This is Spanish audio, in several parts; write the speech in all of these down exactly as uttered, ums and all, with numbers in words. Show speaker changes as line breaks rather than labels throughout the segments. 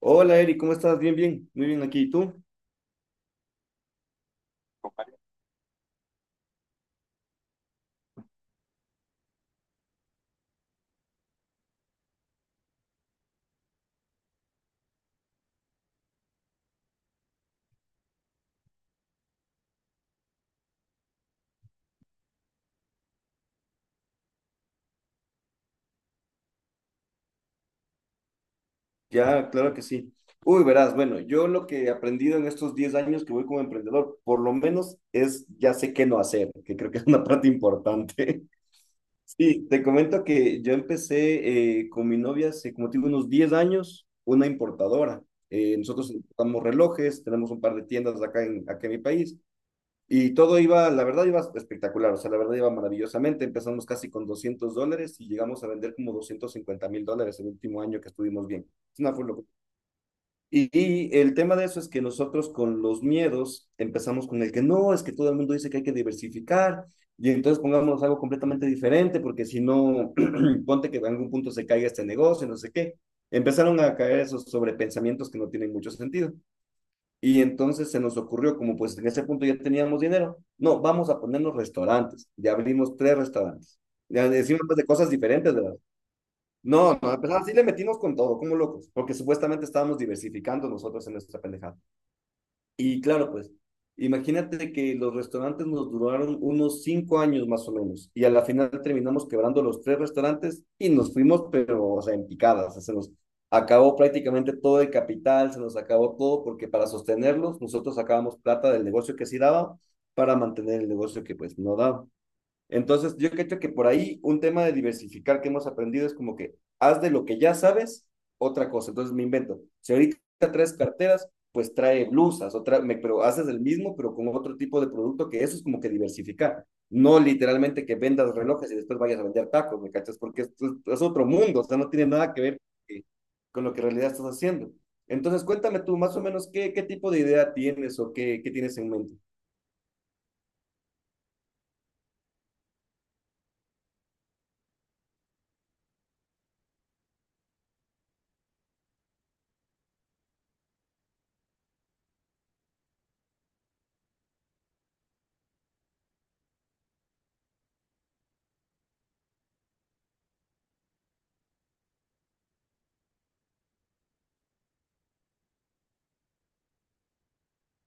Hola Eri, ¿cómo estás? Bien, bien, muy bien aquí. ¿Y tú? Ya, claro que sí. Uy, verás, bueno, yo lo que he aprendido en estos diez años que voy como emprendedor, por lo menos es ya sé qué no hacer, que creo que es una parte importante. Sí, te comento que yo empecé eh, con mi novia hace como te digo unos diez años, una importadora. Eh, nosotros importamos relojes, tenemos un par de tiendas acá en, acá en mi país. Y todo iba, la verdad iba espectacular, o sea, la verdad iba maravillosamente. Empezamos casi con doscientos dólares y llegamos a vender como doscientos cincuenta mil dólares el último año que estuvimos bien. Es una full locura. Y, y el tema de eso es que nosotros con los miedos empezamos con el que no, es que todo el mundo dice que hay que diversificar y entonces pongámonos algo completamente diferente porque si no, ponte que en algún punto se caiga este negocio, no sé qué. Empezaron a caer esos sobrepensamientos que no tienen mucho sentido. Y entonces se nos ocurrió, como pues en ese punto ya teníamos dinero, no, vamos a ponernos restaurantes. Ya abrimos tres restaurantes. Ya decimos pues, de cosas diferentes, ¿verdad? No, no, pues así le metimos con todo, como locos, porque supuestamente estábamos diversificando nosotros en nuestra pendejada. Y claro, pues, imagínate que los restaurantes nos duraron unos cinco años más o menos, y a la final terminamos quebrando los tres restaurantes y nos fuimos, pero, o sea, en picadas, o sea, se nos acabó prácticamente todo el capital, se nos acabó todo, porque para sostenerlos nosotros sacábamos plata del negocio que sí daba para mantener el negocio que pues no daba. Entonces, yo creo que por ahí un tema de diversificar que hemos aprendido es como que haz de lo que ya sabes otra cosa. Entonces, me invento. Si ahorita traes carteras, pues trae blusas, otra, me, pero haces el mismo, pero con otro tipo de producto, que eso es como que diversificar. No literalmente que vendas relojes y después vayas a vender tacos, ¿me cachas? Porque esto es, otro mundo, o sea, no tiene nada que ver con lo que en realidad estás haciendo. Entonces, cuéntame tú más o menos qué, qué tipo de idea tienes o qué, qué tienes en mente.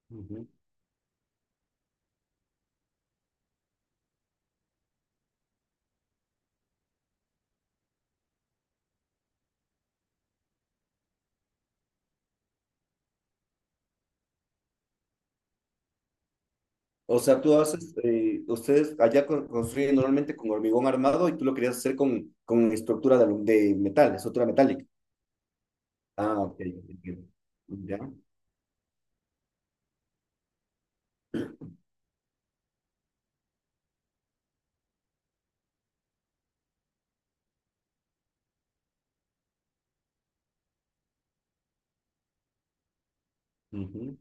Ujú. O sea, tú haces, eh, ustedes allá con- construyen normalmente con hormigón armado y tú lo querías hacer con, con estructura de, alu- de metal, estructura metálica. Ah, ok. Entiendo. Ya. Ujú.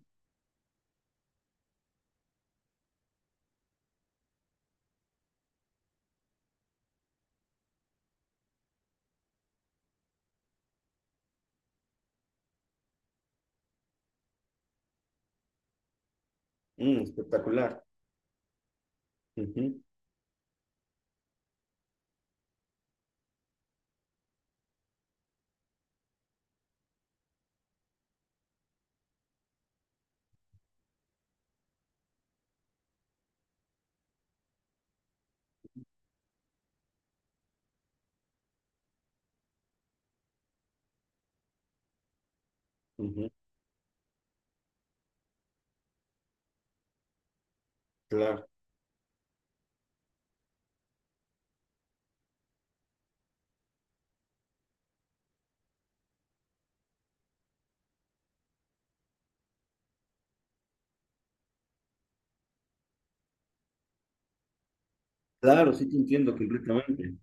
Mm, espectacular. Ujú, ujú. Claro. Claro, sí te entiendo completamente.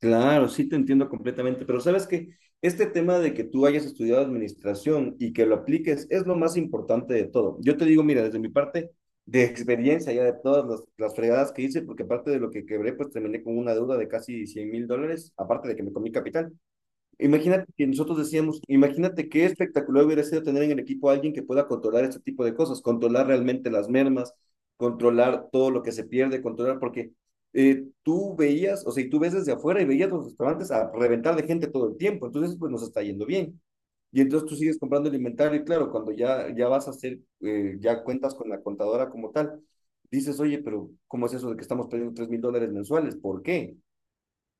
Claro, sí te entiendo completamente, pero sabes que este tema de que tú hayas estudiado administración y que lo apliques es lo más importante de todo. Yo te digo, mira, desde mi parte de experiencia, ya de todas las, las fregadas que hice, porque aparte de lo que quebré, pues terminé con una deuda de casi cien mil dólares, aparte de que me comí capital. Imagínate que nosotros decíamos, imagínate qué espectacular hubiera sido tener en el equipo a alguien que pueda controlar este tipo de cosas, controlar realmente las mermas, controlar todo lo que se pierde, controlar, porque eh, tú veías, o sea, y tú ves desde afuera y veías los restaurantes a reventar de gente todo el tiempo, entonces pues nos está yendo bien. Y entonces tú sigues comprando el inventario y claro, cuando ya, ya vas a hacer, eh, ya cuentas con la contadora como tal, dices, oye, pero ¿cómo es eso de que estamos perdiendo tres mil dólares mensuales? ¿Por qué?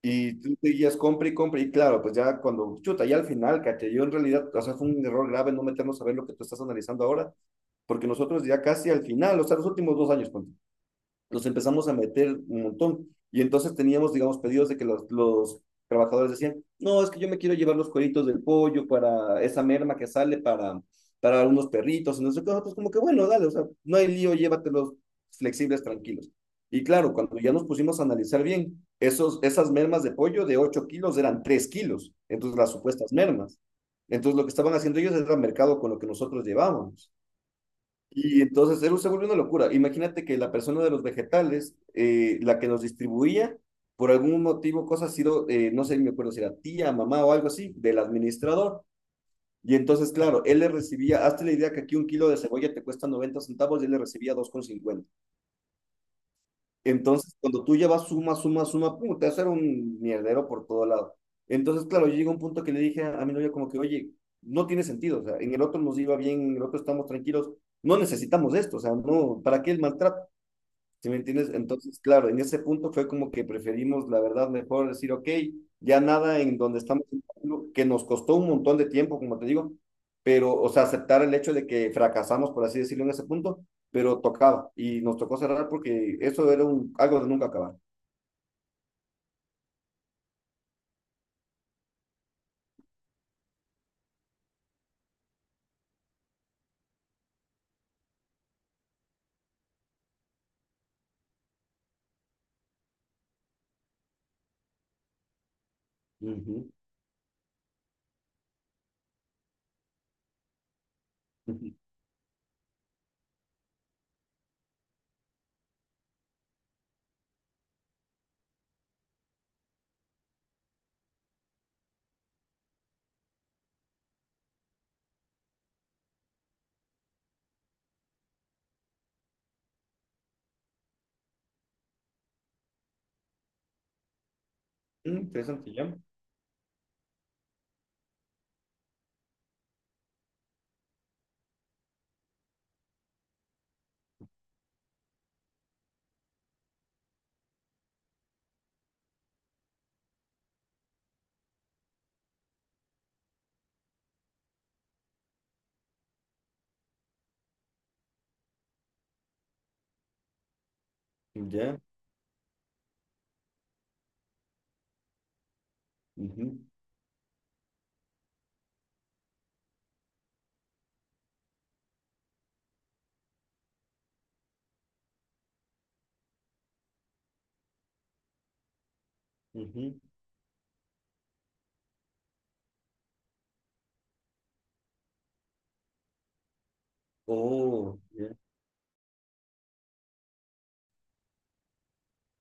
Y tú seguías compra y compra, y claro, pues ya cuando, chuta, ya al final, caché, yo en realidad, o sea, fue un error grave no meternos a ver lo que tú estás analizando ahora, porque nosotros ya casi al final, o sea, los últimos dos años, ponte, los empezamos a meter un montón. Y entonces teníamos, digamos, pedidos de que los, los trabajadores decían, no, es que yo me quiero llevar los cueritos del pollo para esa merma que sale para, para unos perritos, y no sé qué, nosotros como que, bueno, dale, o sea, no hay lío, llévatelos flexibles, tranquilos. Y claro, cuando ya nos pusimos a analizar bien, esos, esas mermas de pollo de ocho kilos eran tres kilos, entonces las supuestas mermas. Entonces lo que estaban haciendo ellos era mercado con lo que nosotros llevábamos. Y entonces él se volvió una locura. Imagínate que la persona de los vegetales, eh, la que nos distribuía, por algún motivo, cosa ha sido, eh, no sé, me acuerdo si era tía, mamá o algo así, del administrador. Y entonces, claro, él le recibía, hazte la idea que aquí un kilo de cebolla te cuesta noventa centavos y él le recibía dos con cincuenta. Entonces, cuando tú ya vas suma, suma, suma, pum, te vas a hacer un mierdero por todo lado. Entonces, claro, yo llegué a un punto que le dije a, mi novia como que, oye, no tiene sentido, o sea, en el otro nos iba bien, en el otro estamos tranquilos, no necesitamos esto, o sea, no, ¿para qué el maltrato? ¿Sí me entiendes? Entonces, claro, en ese punto fue como que preferimos, la verdad, mejor decir, ok, ya nada en donde estamos, que nos costó un montón de tiempo, como te digo, pero, o sea, aceptar el hecho de que fracasamos, por así decirlo, en ese punto, pero tocaba y nos tocó cerrar porque eso era un, algo de nunca acabar. Ujú, ujú. Mm, interesante, ya. Ya. Ujú, ujú. Oh, ya.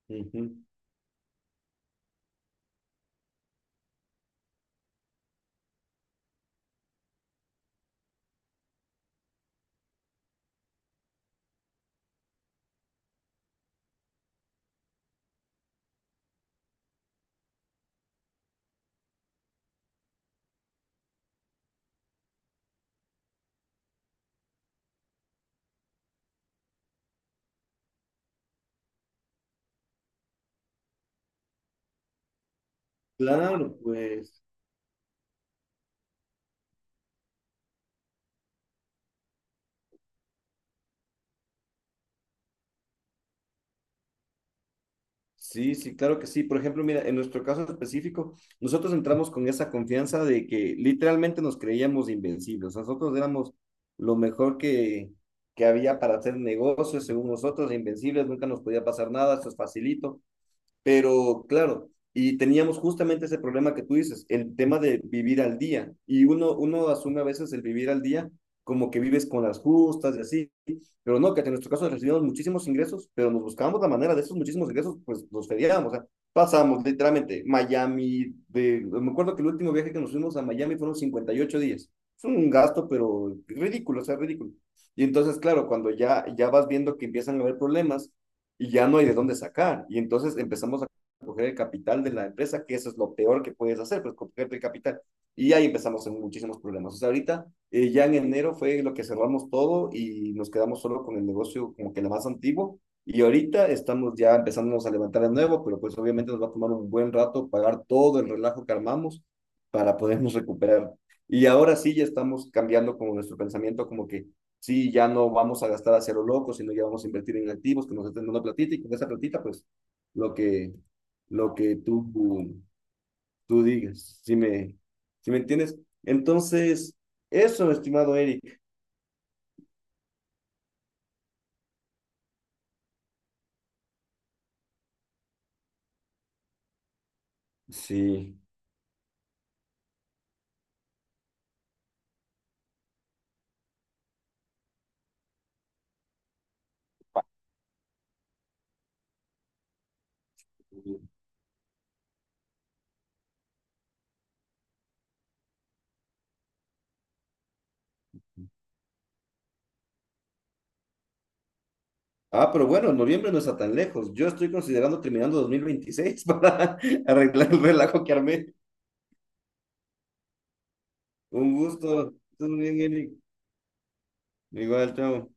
Ujú. Claro, pues. Sí, sí, claro que sí. Por ejemplo, mira, en nuestro caso específico, nosotros entramos con esa confianza de que literalmente nos creíamos invencibles. Nosotros éramos lo mejor que, que había para hacer negocios, según nosotros, invencibles, nunca nos podía pasar nada, eso es facilito. Pero claro, y teníamos justamente ese problema que tú dices, el tema de vivir al día. Y uno, uno asume a veces el vivir al día como que vives con las justas y así, pero no, que en nuestro caso recibimos muchísimos ingresos, pero nos buscábamos la manera de esos muchísimos ingresos, pues los feriábamos, o sea, pasamos literalmente Miami, de, me acuerdo que el último viaje que nos fuimos a Miami fueron cincuenta y ocho días. Es un gasto, pero ridículo, o sea, ridículo. Y entonces, claro, cuando ya, ya vas viendo que empiezan a haber problemas, y ya no hay de dónde sacar. Y entonces empezamos a coger el capital de la empresa, que eso es lo peor que puedes hacer, pues coger el capital. Y ahí empezamos en muchísimos problemas. O sea, ahorita eh, ya en enero fue lo que cerramos todo y nos quedamos solo con el negocio como que la más antiguo. Y ahorita estamos ya empezándonos a levantar de nuevo, pero pues obviamente nos va a tomar un buen rato pagar todo el relajo que armamos para podernos recuperar. Y ahora sí ya estamos cambiando como nuestro pensamiento, como que sí, ya no vamos a gastar a cero loco, sino ya vamos a invertir en activos que nos estén dando platita y con esa platita, pues, lo que, lo que tú, tú digas, si me, si me entiendes. Entonces, eso, estimado Eric. Sí. Ah, pero bueno, noviembre no está tan lejos. Yo estoy considerando terminando dos mil veintiséis para arreglar el relajo que armé. Un gusto. Estás muy bien, Eric. Igual, chao.